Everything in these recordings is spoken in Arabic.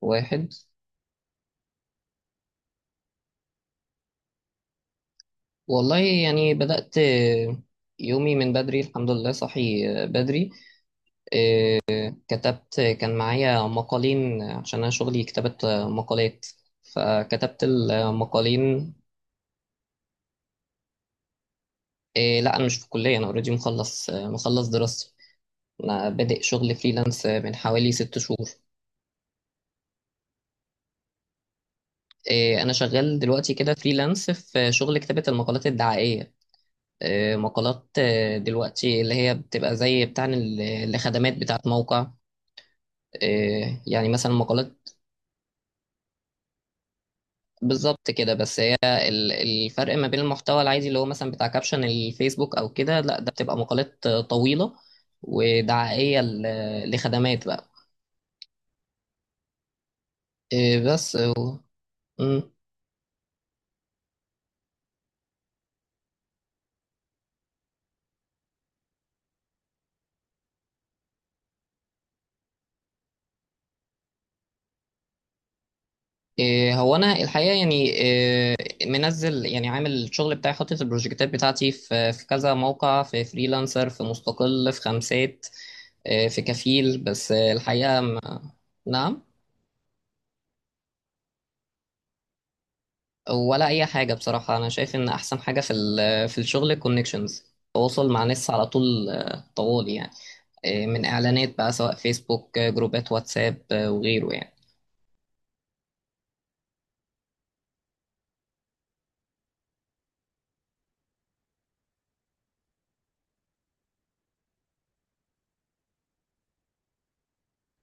واحد. والله يعني بدأت يومي من بدري، الحمد لله صحي بدري. كتبت، كان معايا مقالين عشان أنا شغلي كتابة مقالات، فكتبت المقالين. إيه، لا أنا مش في الكلية، أنا أوريدي مخلص دراستي. أنا بادئ شغل فريلانس من حوالي ست شهور. إيه، أنا شغال دلوقتي كده فريلانس في شغل كتابة المقالات الدعائية. إيه، مقالات، إيه، دلوقتي اللي هي بتبقى زي بتاع الخدمات بتاعت موقع. إيه، يعني مثلا مقالات. بالظبط كده، بس هي الفرق ما بين المحتوى العادي اللي هو مثلا بتاع كابشن الفيسبوك او كده، لا ده بتبقى مقالات طويلة ودعائية لخدمات بقى. إيه، بس مم. إيه، هو انا الحقيقة، يعني إيه، منزل، يعني عامل الشغل بتاعي، حاطط البروجكتات بتاعتي في كذا موقع، في فريلانسر، في مستقل، في خمسات. إيه، في كفيل، بس الحقيقة نعم. ولا اي حاجه، بصراحه انا شايف ان احسن حاجه في في الشغل الكونكشنز، تواصل مع ناس على طول، طوال يعني، من اعلانات بقى سواء فيسبوك، جروبات واتساب، وغيره يعني.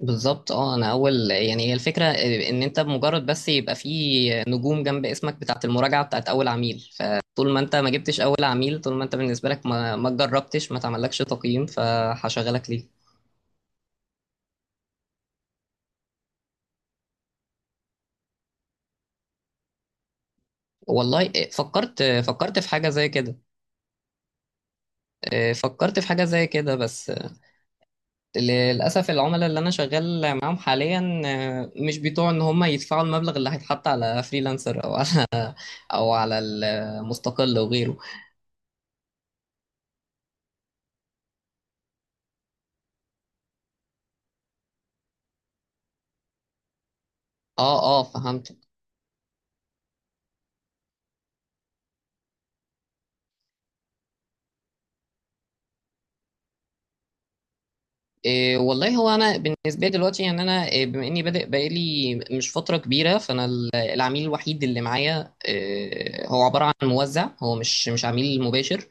بالظبط، اه انا اول يعني هي الفكره، ان انت بمجرد بس يبقى في نجوم جنب اسمك بتاعت المراجعه بتاعت اول عميل، فطول ما انت ما جبتش اول عميل، طول ما انت بالنسبه لك ما جربتش، ما تعملكش تقييم فهشغلك ليه. والله فكرت، فكرت في حاجه زي كده. فكرت في حاجه زي كده، بس للأسف العملاء اللي أنا شغال معاهم حاليا، مش بيطوع إن هم يدفعوا المبلغ اللي هيتحط على فريلانسر، أو على أو على المستقل وغيره. أه أه فهمت. إيه والله، هو أنا بالنسبة لي دلوقتي يعني، أنا بما إني بادئ بقالي مش فترة كبيرة، فأنا العميل الوحيد اللي معايا، هو عبارة عن موزع، هو مش عميل مباشر.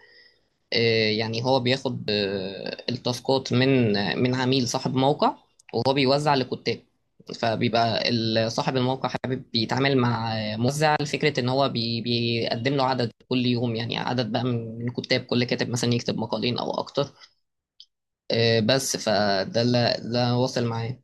يعني هو بياخد، التاسكات من، من عميل صاحب موقع، وهو بيوزع لكتاب. فبيبقى صاحب الموقع حابب بيتعامل مع، موزع لفكرة ان هو بي بيقدم له عدد كل يوم، يعني عدد بقى من كتاب، كل كاتب مثلا يكتب مقالين او اكتر. بس فده اللي ده واصل معاه.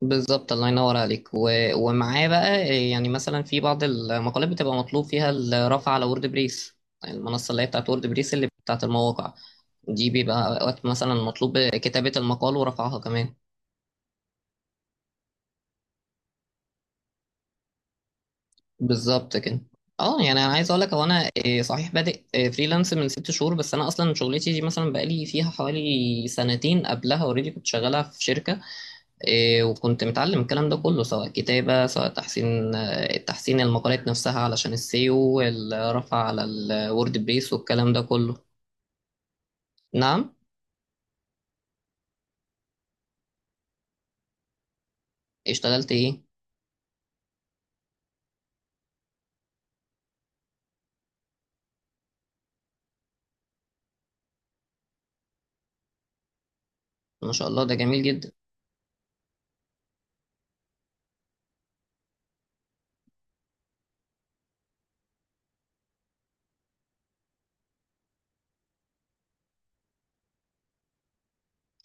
بالظبط الله ينور عليك، و... ومعاه بقى. يعني مثلا في بعض المقالات بتبقى مطلوب فيها الرفع على وورد بريس، المنصة اللي هي بتاعت وورد بريس اللي بتاعت المواقع دي، بيبقى وقت مثلا مطلوب كتابة المقال ورفعها كمان. بالظبط كده. اه يعني انا عايز اقول لك، هو انا إيه، صحيح بادئ إيه، فريلانس من ست شهور، بس انا اصلا شغلتي دي مثلا بقالي فيها حوالي سنتين قبلها، اوريدي كنت شغالة في شركة. إيه، وكنت متعلم الكلام ده كله، سواء كتابة، سواء تحسين، تحسين المقالات نفسها علشان السيو، والرفع على الوورد بريس، والكلام ده كله. نعم، اشتغلت ايه. ما شاء الله، ده جميل جدا.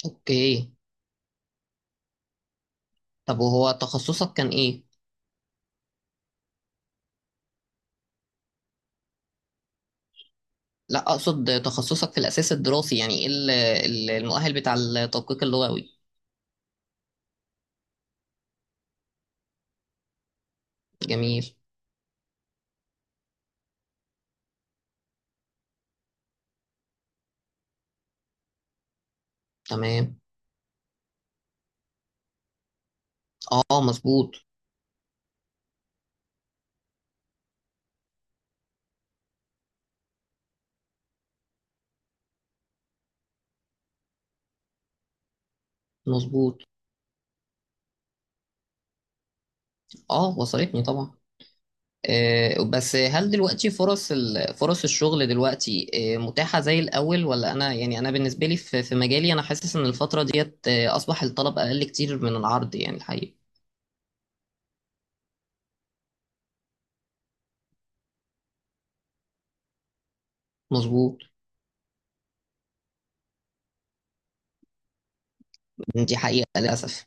اوكي، طب وهو تخصصك كان ايه. لا اقصد تخصصك في الاساس الدراسي، يعني ايه المؤهل بتاع التدقيق اللغوي. جميل. تمام. اه مظبوط مظبوط. اه وصلتني طبعا. بس هل دلوقتي فرص فرص الشغل دلوقتي، متاحة زي الأول؟ ولا أنا يعني أنا بالنسبة لي في مجالي أنا حاسس إن الفترة ديت، أصبح الطلب أقل كتير من العرض يعني الحقيقة. مظبوط. دي حقيقة للأسف.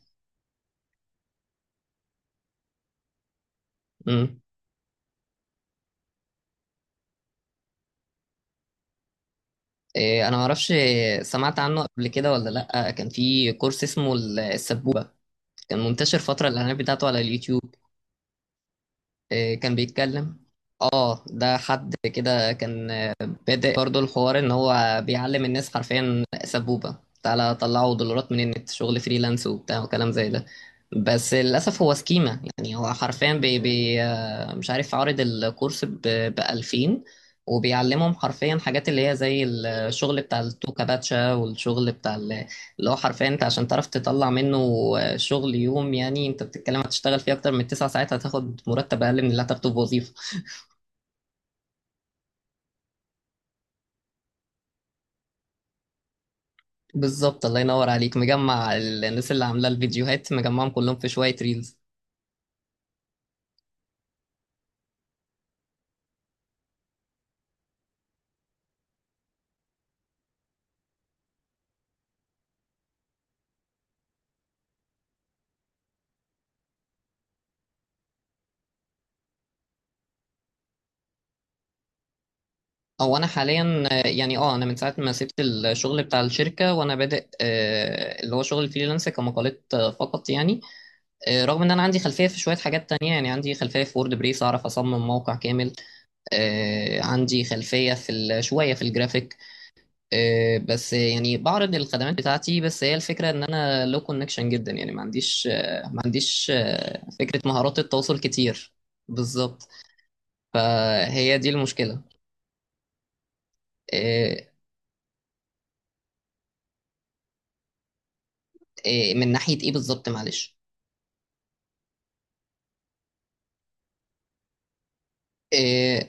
مم. أنا معرفش، سمعت عنه قبل كده ولا لأ، كان في كورس اسمه السبوبة، كان منتشر فترة الإعلانات بتاعته على اليوتيوب. كان بيتكلم. اه ده حد كده كان بدأ برضو الحوار ان هو بيعلم الناس حرفيا سبوبة، تعالى طلعوا دولارات من النت، شغل فريلانس وبتاع وكلام زي ده. بس للأسف هو سكيمة، يعني هو حرفيا بي بي آه، مش عارف عارض الكورس ب 2000، وبيعلمهم حرفيا حاجات اللي هي زي الشغل بتاع التوكا باتشا، والشغل بتاع اللي هو حرفيا انت عشان تعرف تطلع منه شغل يوم، يعني انت بتتكلم هتشتغل فيه اكتر من تسع ساعات، هتاخد مرتب اقل من اللي هتاخده في وظيفة. بالظبط الله ينور عليك، مجمع الناس اللي عامله الفيديوهات مجمعهم كلهم في شويه ريلز. او انا حاليا، يعني اه انا من ساعه ما سبت الشغل بتاع الشركه، وانا بادئ، اللي هو شغل الفريلانس كمقالات، فقط يعني. رغم ان انا عندي خلفيه في شويه حاجات تانية، يعني عندي خلفيه في وورد بريس، اعرف اصمم موقع كامل. عندي خلفيه في شويه في الجرافيك. بس يعني بعرض الخدمات بتاعتي بس، هي الفكرة ان انا لو كونكشن جدا، يعني ما عنديش فكرة مهارات التواصل كتير. بالظبط. فهي دي المشكلة. آه، من ناحية ايه بالظبط، معلش. آه،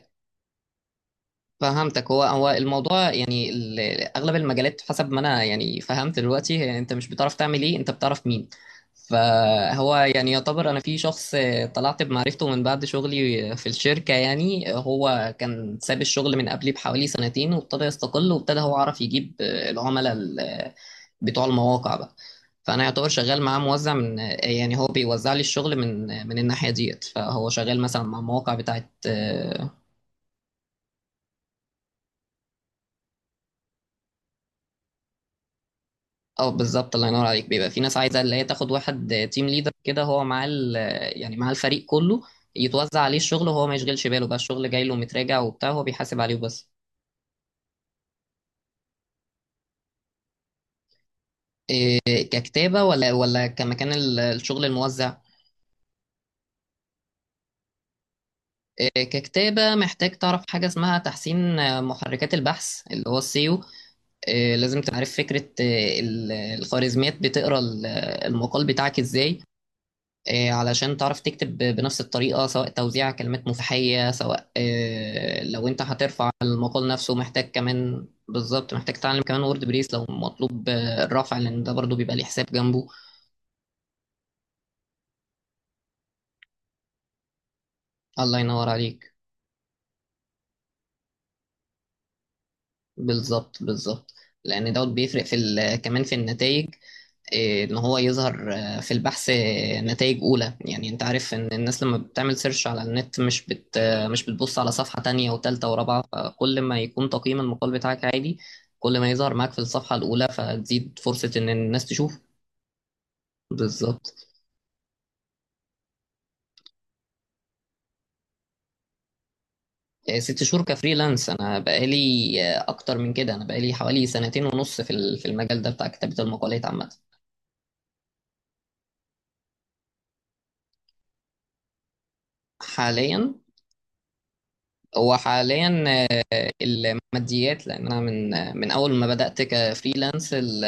فهمتك. هو الموضوع يعني اغلب المجالات حسب ما انا يعني فهمت دلوقتي، هي انت مش بتعرف تعمل ايه، انت بتعرف مين. فهو يعني يعتبر انا في شخص طلعت بمعرفته من بعد شغلي في الشركة، يعني هو كان ساب الشغل من قبلي بحوالي سنتين، وابتدى يستقل، وابتدى هو عرف يجيب العملاء بتوع المواقع بقى. فانا يعتبر شغال معاه موزع، من يعني هو بيوزع لي الشغل من الناحية ديت، فهو شغال مثلا مع مواقع بتاعت. اه بالظبط الله ينور عليك، بيبقى في ناس عايزه اللي هي تاخد واحد تيم ليدر كده، هو مع يعني مع الفريق كله يتوزع عليه الشغل، وهو ما يشغلش باله بقى الشغل جاي له متراجع وبتاع، هو بيحاسب عليه بس. ككتابه ولا كمكان الشغل الموزع؟ ككتابه محتاج تعرف حاجه اسمها تحسين، محركات البحث اللي هو السيو. لازم تعرف فكره، الخوارزميات بتقرا المقال بتاعك ازاي. علشان تعرف تكتب بنفس الطريقة، سواء توزيع كلمات مفتاحية، سواء لو انت هترفع المقال نفسه، محتاج كمان بالظبط، محتاج تتعلم كمان وورد بريس لو مطلوب، الرفع، لان ده برضو بيبقى ليه حساب جنبه. الله ينور عليك. بالظبط بالظبط. لان دوت بيفرق في كمان في النتائج. إيه، ان هو يظهر، في البحث، نتائج اولى، يعني انت عارف ان الناس لما بتعمل سيرش على النت مش بت آه، مش بتبص على صفحة تانية وتالتة ورابعة، فكل ما يكون تقييم المقال بتاعك عادي، كل ما يظهر معاك في الصفحة الاولى، فتزيد فرصة ان الناس تشوف. بالظبط. ست شهور كفريلانس انا بقالي، اكتر من كده انا بقالي حوالي سنتين ونص في في المجال ده بتاع كتابة المقالات عامة. حاليا، هو حاليا الماديات، لان انا من من اول ما بدات كفريلانس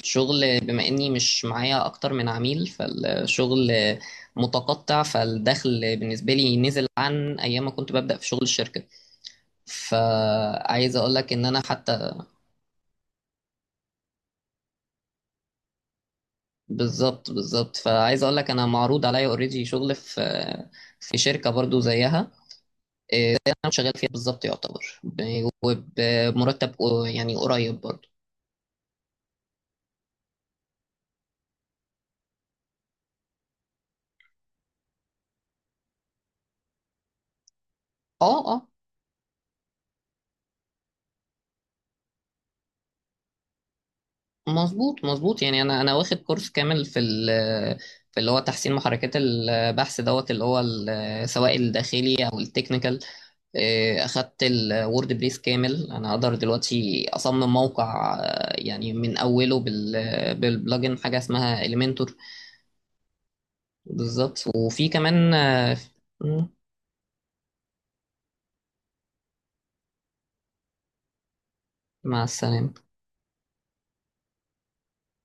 الشغل، بما اني مش معايا اكتر من عميل، فالشغل متقطع، فالدخل بالنسبه لي نزل عن ايام ما كنت ببدا في شغل الشركه. فعايز اقول لك ان انا حتى، بالظبط بالظبط، فعايز اقول لك انا معروض عليا اوريدي شغل في في شركه برضو زيها انا شغال فيها بالظبط، يعتبر وبمرتب يعني قريب برضو. اه اه مظبوط مظبوط. يعني انا واخد كورس كامل في ال في اللي هو تحسين محركات البحث، دوت اللي هو سواء الداخلي او التكنيكال. اخدت الوورد بريس كامل، انا اقدر دلوقتي اصمم موقع، يعني من اوله بالبلجن حاجه اسمها اليمنتور. بالظبط، وفي كمان، مع السلامه.